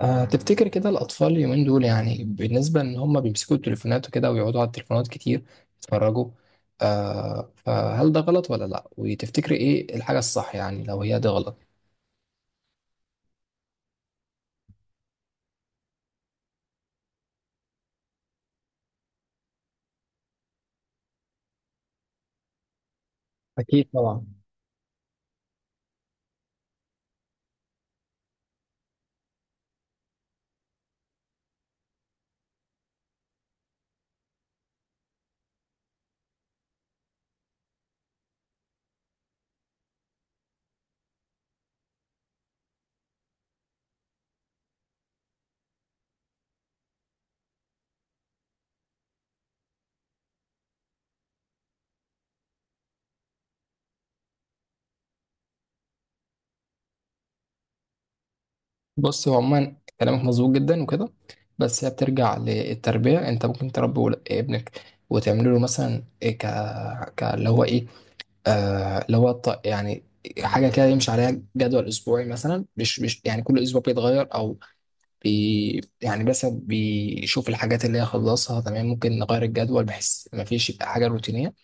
تفتكر كده الأطفال اليومين دول، يعني بالنسبة إن هم بيمسكوا التليفونات وكده ويقعدوا على التليفونات كتير يتفرجوا؟ فهل ده غلط ولا لأ؟ وتفتكري إيه الحاجة الصح يعني لو هي ده غلط؟ أكيد طبعا. بص هو عموما كلامك مظبوط جدا وكده، بس هي بترجع للتربية. أنت ممكن تربي ابنك وتعمل له مثلا إيه، ك ك اللي هو إيه، آه اللي هو يعني حاجة كده يمشي عليها، جدول أسبوعي مثلا. مش يعني كل أسبوع بيتغير، بي يعني بس بيشوف الحاجات اللي هي خلصها تمام ممكن نغير الجدول بحيث ما فيش يبقى حاجه روتينيه.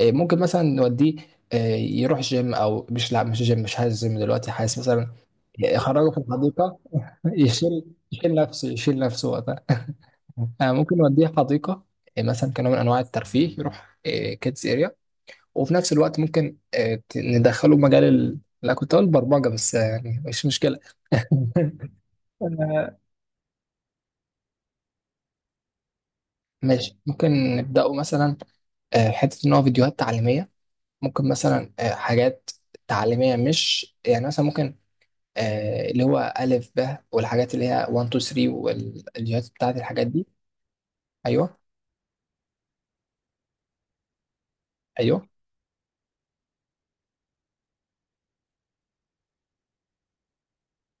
إيه، ممكن مثلا نوديه، إيه، يروح جيم، او مش، لا مش جيم مش حاسس جيم دلوقتي، حاسس مثلا يخرجه في الحديقه. يشيل نفسه، يشيل نفسه وقتها آه، ممكن نوديه حديقه، إيه، مثلا كنوع من انواع الترفيه، يروح كيدز اريا. وفي نفس الوقت ممكن إيه، ندخله مجال ال... لا كنت اقول برمجه، بس آه، يعني مش مشكله آه، ماشي ممكن نبدأه مثلا، آه، حتة إن هو فيديوهات تعليمية، ممكن مثلا آه، حاجات تعليمية، مش يعني مثلا ممكن آه، اللي هو ألف ب، والحاجات اللي هي 1 2 3، والفيديوهات بتاعت الحاجات دي. أيوه، أيوه،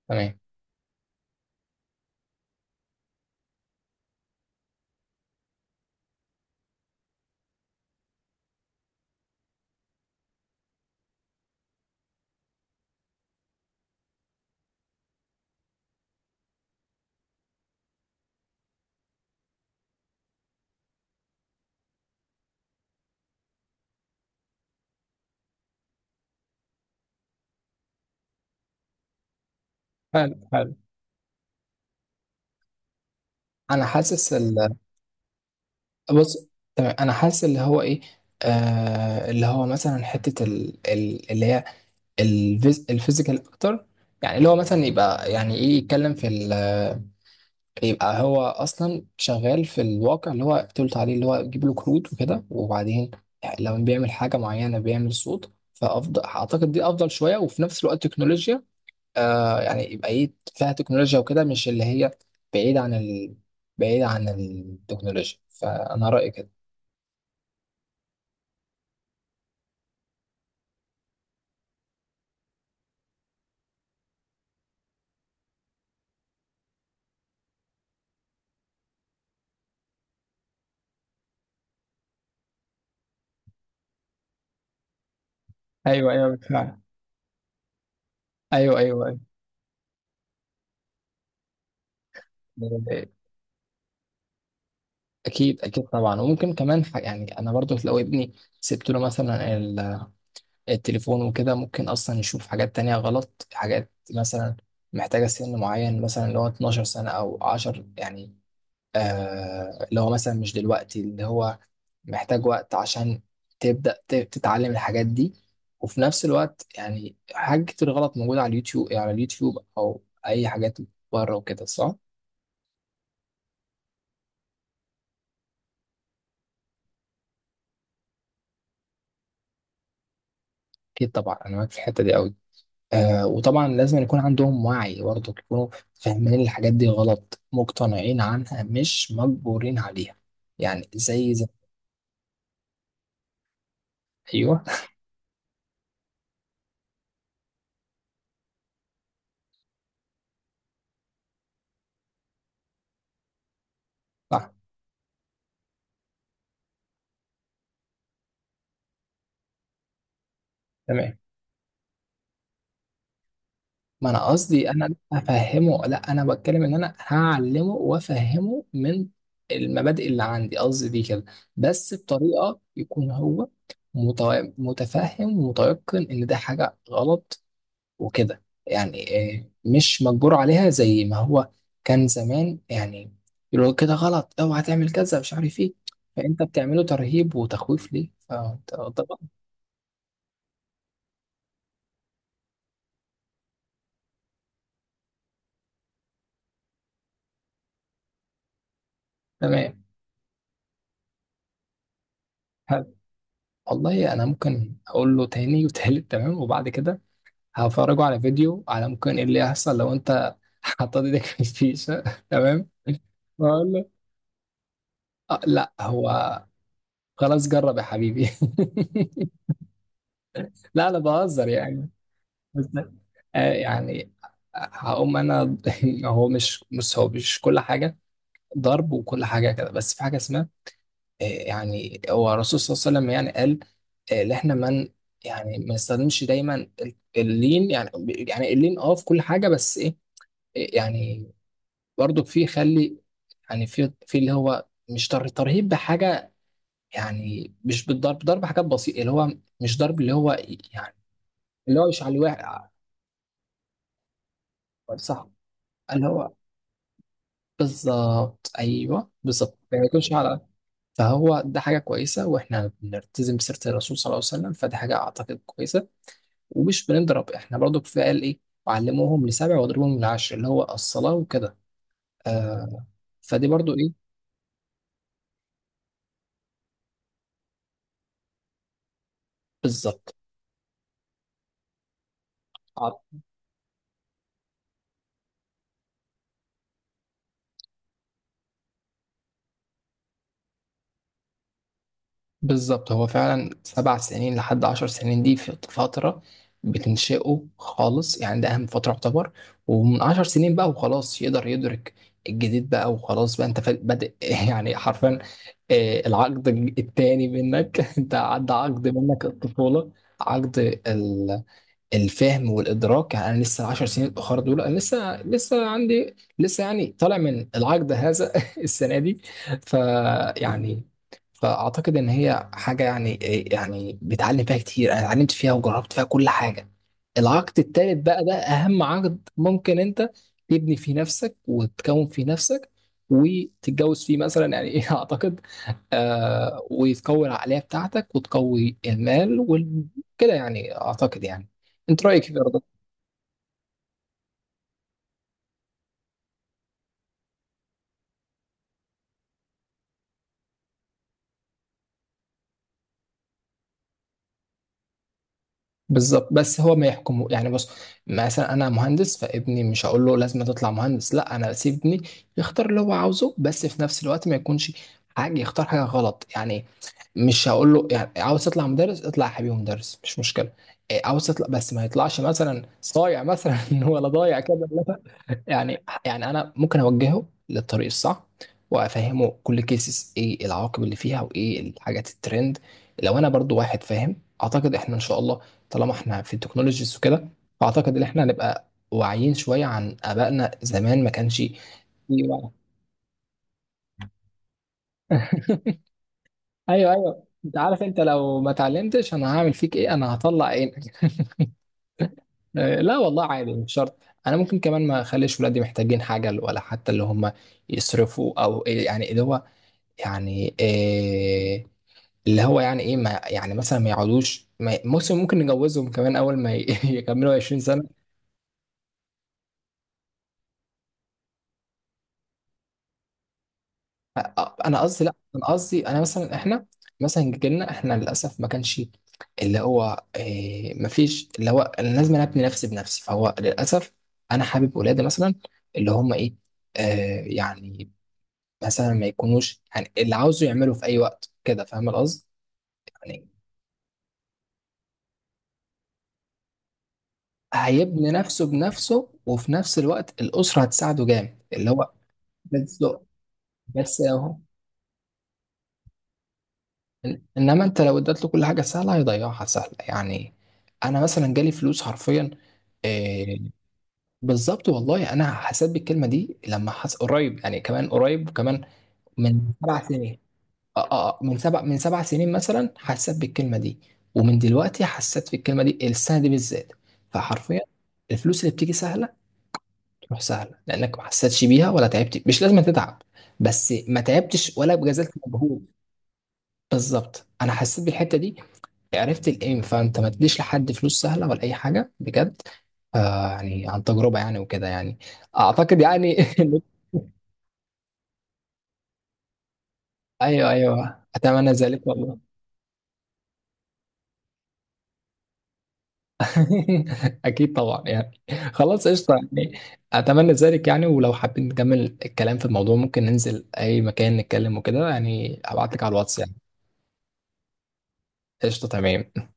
تمام. حلو، حلو. أنا حاسس ال... بص تمام، أنا حاسس اللي هو إيه، آه اللي هو مثلا حتة ال... ال... اللي هي الفيزيكال أكتر. يعني اللي هو مثلا يبقى يعني إيه، يتكلم في ال... يبقى هو اصلا شغال في الواقع اللي هو، قلت عليه، اللي هو تجيب له كروت وكده، وبعدين لو بيعمل حاجه معينه بيعمل صوت، فافضل اعتقد دي افضل شويه، وفي نفس الوقت تكنولوجيا. آه يعني يبقى ايه، فيها تكنولوجيا وكده، مش اللي هي بعيد عن ال... بعيد عن التكنولوجيا، فانا رايي كده. ايوه، ايوه، بالفعل. ايوه، ايوه. ايوه اكيد، اكيد طبعا. وممكن كمان يعني انا برضو لو ابني سبت له مثلا التليفون وكده، ممكن اصلا يشوف حاجات تانية غلط، حاجات مثلا محتاجة سن معين مثلا، اللي هو 12 سنة او 10 يعني، آه اللي هو مثلا مش دلوقتي، اللي هو محتاج وقت عشان تبدأ تتعلم الحاجات دي. وفي نفس الوقت يعني حاجات كتير غلط موجودة على اليوتيوب، على اليوتيوب او اي حاجات بره وكده، صح؟ اكيد طبعا، انا معاك في الحتة دي قوي. آه وطبعا لازم يكون عندهم وعي برضه، يكونوا فاهمين الحاجات دي غلط، مقتنعين عنها مش مجبورين عليها، يعني زي زي. ايوه صح تمام. ما انا قصدي انا افهمه، لا انا بتكلم ان انا هعلمه وافهمه من المبادئ اللي عندي، قصدي دي كده، بس بطريقه يكون هو متفهم ومتيقن ان ده حاجه غلط، وكده يعني آه، مش مجبور عليها زي ما هو كان زمان يعني، يقولوا كده غلط، اوعى تعمل كذا، مش عارف ايه، فانت بتعمله ترهيب وتخويف، ليه؟ فانت طبعا. تمام. هل- والله انا ممكن اقول له تاني وتالت، تمام، وبعد كده هفرجه على فيديو على ممكن ايه اللي هيحصل لو انت حطيت ايدك في الفيشه. تمام واقول له آه لا هو، خلاص جرب يا حبيبي. لا انا بهزر يعني. بس آه، يعني هقوم انا هو مش، بص هو مش كل حاجه ضرب وكل حاجه كده، بس في حاجه اسمها آه، يعني هو الرسول صلى الله عليه وسلم يعني قال آه، ان احنا من، يعني ما نستخدمش دايما اللين، يعني يعني اللين اه في كل حاجه، بس ايه آه، يعني برضو في خلي، يعني في في اللي هو مش ترهيب بحاجه، يعني مش بالضرب، ضرب حاجات بسيطه اللي هو مش ضرب اللي هو يعني اللي هو مش على الواحد. صح. اللي هو بالظبط، ايوه بالظبط، ما يكونش على. فهو ده حاجه كويسه واحنا بنلتزم بسيره الرسول صلى الله عليه وسلم، فده حاجه اعتقد كويسه، ومش بنضرب احنا برضو، كفايه قال ايه، وعلموهم لسبع واضربوهم لعشر، اللي هو الصلاه وكده، آه. فدي برضو ايه، بالظبط. بالظبط هو فعلا سبع سنين لحد عشر سنين دي في فترة بتنشئه خالص، يعني ده أهم فترة يعتبر. ومن عشر سنين بقى وخلاص يقدر يدرك الجديد بقى، وخلاص بقى أنت بادئ يعني حرفيا آه، العقد التاني منك أنت عدى عقد منك الطفولة، عقد الفهم والادراك. يعني انا لسه 10 سنين الاخر دول، انا لسه عندي لسه يعني طالع من العجز هذا السنه دي. فيعني فاعتقد ان هي حاجه يعني إيه، يعني بتعلم فيها كتير، انا اتعلمت فيها وجربت فيها كل حاجه. العقد التالت بقى ده اهم عقد ممكن انت تبني فيه نفسك وتكون فيه نفسك، وتتجوز فيه مثلا يعني ايه اعتقد. آه وتقوي العقليه بتاعتك وتقوي المال وكده يعني اعتقد يعني. انت رايك كيف يا رضا؟ بالظبط. بس هو ما يحكمه، يعني بص، مثلا انا مهندس، فابني مش هقول له لازم تطلع مهندس، لا انا بسيب ابني يختار اللي هو عاوزه، بس في نفس الوقت ما يكونش حاجه، يختار حاجه غلط يعني. مش هقول له يعني عاوز تطلع مدرس، اطلع يا حبيبي مدرس مش مشكله، إيه، عاوز تطلع، بس ما يطلعش مثلا صايع مثلا ولا ضايع كده، لا. يعني يعني انا ممكن اوجهه للطريق الصح وافهمه كل كيسز، ايه العواقب اللي فيها وايه الحاجات الترند، لو انا برضو واحد فاهم. اعتقد احنا ان شاء الله طالما احنا في التكنولوجيز وكده، فاعتقد ان احنا هنبقى واعيين شويه عن ابائنا زمان ما كانش في وعي. ايوه ايوه، انت عارف انت لو ما اتعلمتش انا هعمل فيك ايه، انا هطلع عينك آه، لا والله عادي مش شرط. انا ممكن كمان ما اخليش ولادي محتاجين حاجه، ولا حتى اللي هم يصرفوا او إيه، يعني اللي هو يعني إيه اللي هو يعني ايه ما يعني، مثلا ما يقعدوش ممكن ممكن نجوزهم كمان اول ما يكملوا 20. انا قصدي لا انا قصدي انا مثلا احنا، مثلا جيلنا احنا للاسف ما كانش اللي هو إيه، ما فيش اللي هو انا لازم، أنا ابني نفسي بنفسي، فهو للاسف انا حابب ولادي مثلا اللي هم ايه آه يعني مثلا ما يكونوش، يعني اللي عاوزه يعمله في اي وقت كده، فاهم القصد يعني. هيبني نفسه بنفسه وفي نفس الوقت الاسره هتساعده جامد اللي هو. بس بس انما انت لو اديت له كل حاجه سهله هيضيعها سهله يعني. انا مثلا جالي فلوس حرفيا، إيه. بالظبط والله انا حسيت بالكلمه دي، لما حس قريب يعني، كمان قريب كمان، من سبع سنين. اه اه آه، من سبع سنين مثلا حسيت بالكلمه دي، ومن دلوقتي حسيت في الكلمه دي السنه دي بالذات. فحرفيا الفلوس اللي بتيجي سهله تروح سهله، لانك ما حسيتش بيها ولا تعبت، مش لازم تتعب بس ما تعبتش ولا بذلت مجهود. بالظبط، انا حسيت بالحته دي، عرفت الايم. فانت ما تديش لحد فلوس سهله ولا اي حاجه بجد، آه يعني عن تجربه يعني وكده يعني اعتقد يعني ايوه ايوه اتمنى ذلك والله. اكيد طبعا يعني، خلاص قشطه يعني. اتمنى ذلك يعني، ولو حابين نكمل الكلام في الموضوع ممكن ننزل اي مكان نتكلم وكده، يعني ابعت لك على الواتس يعني. قشطه تمام.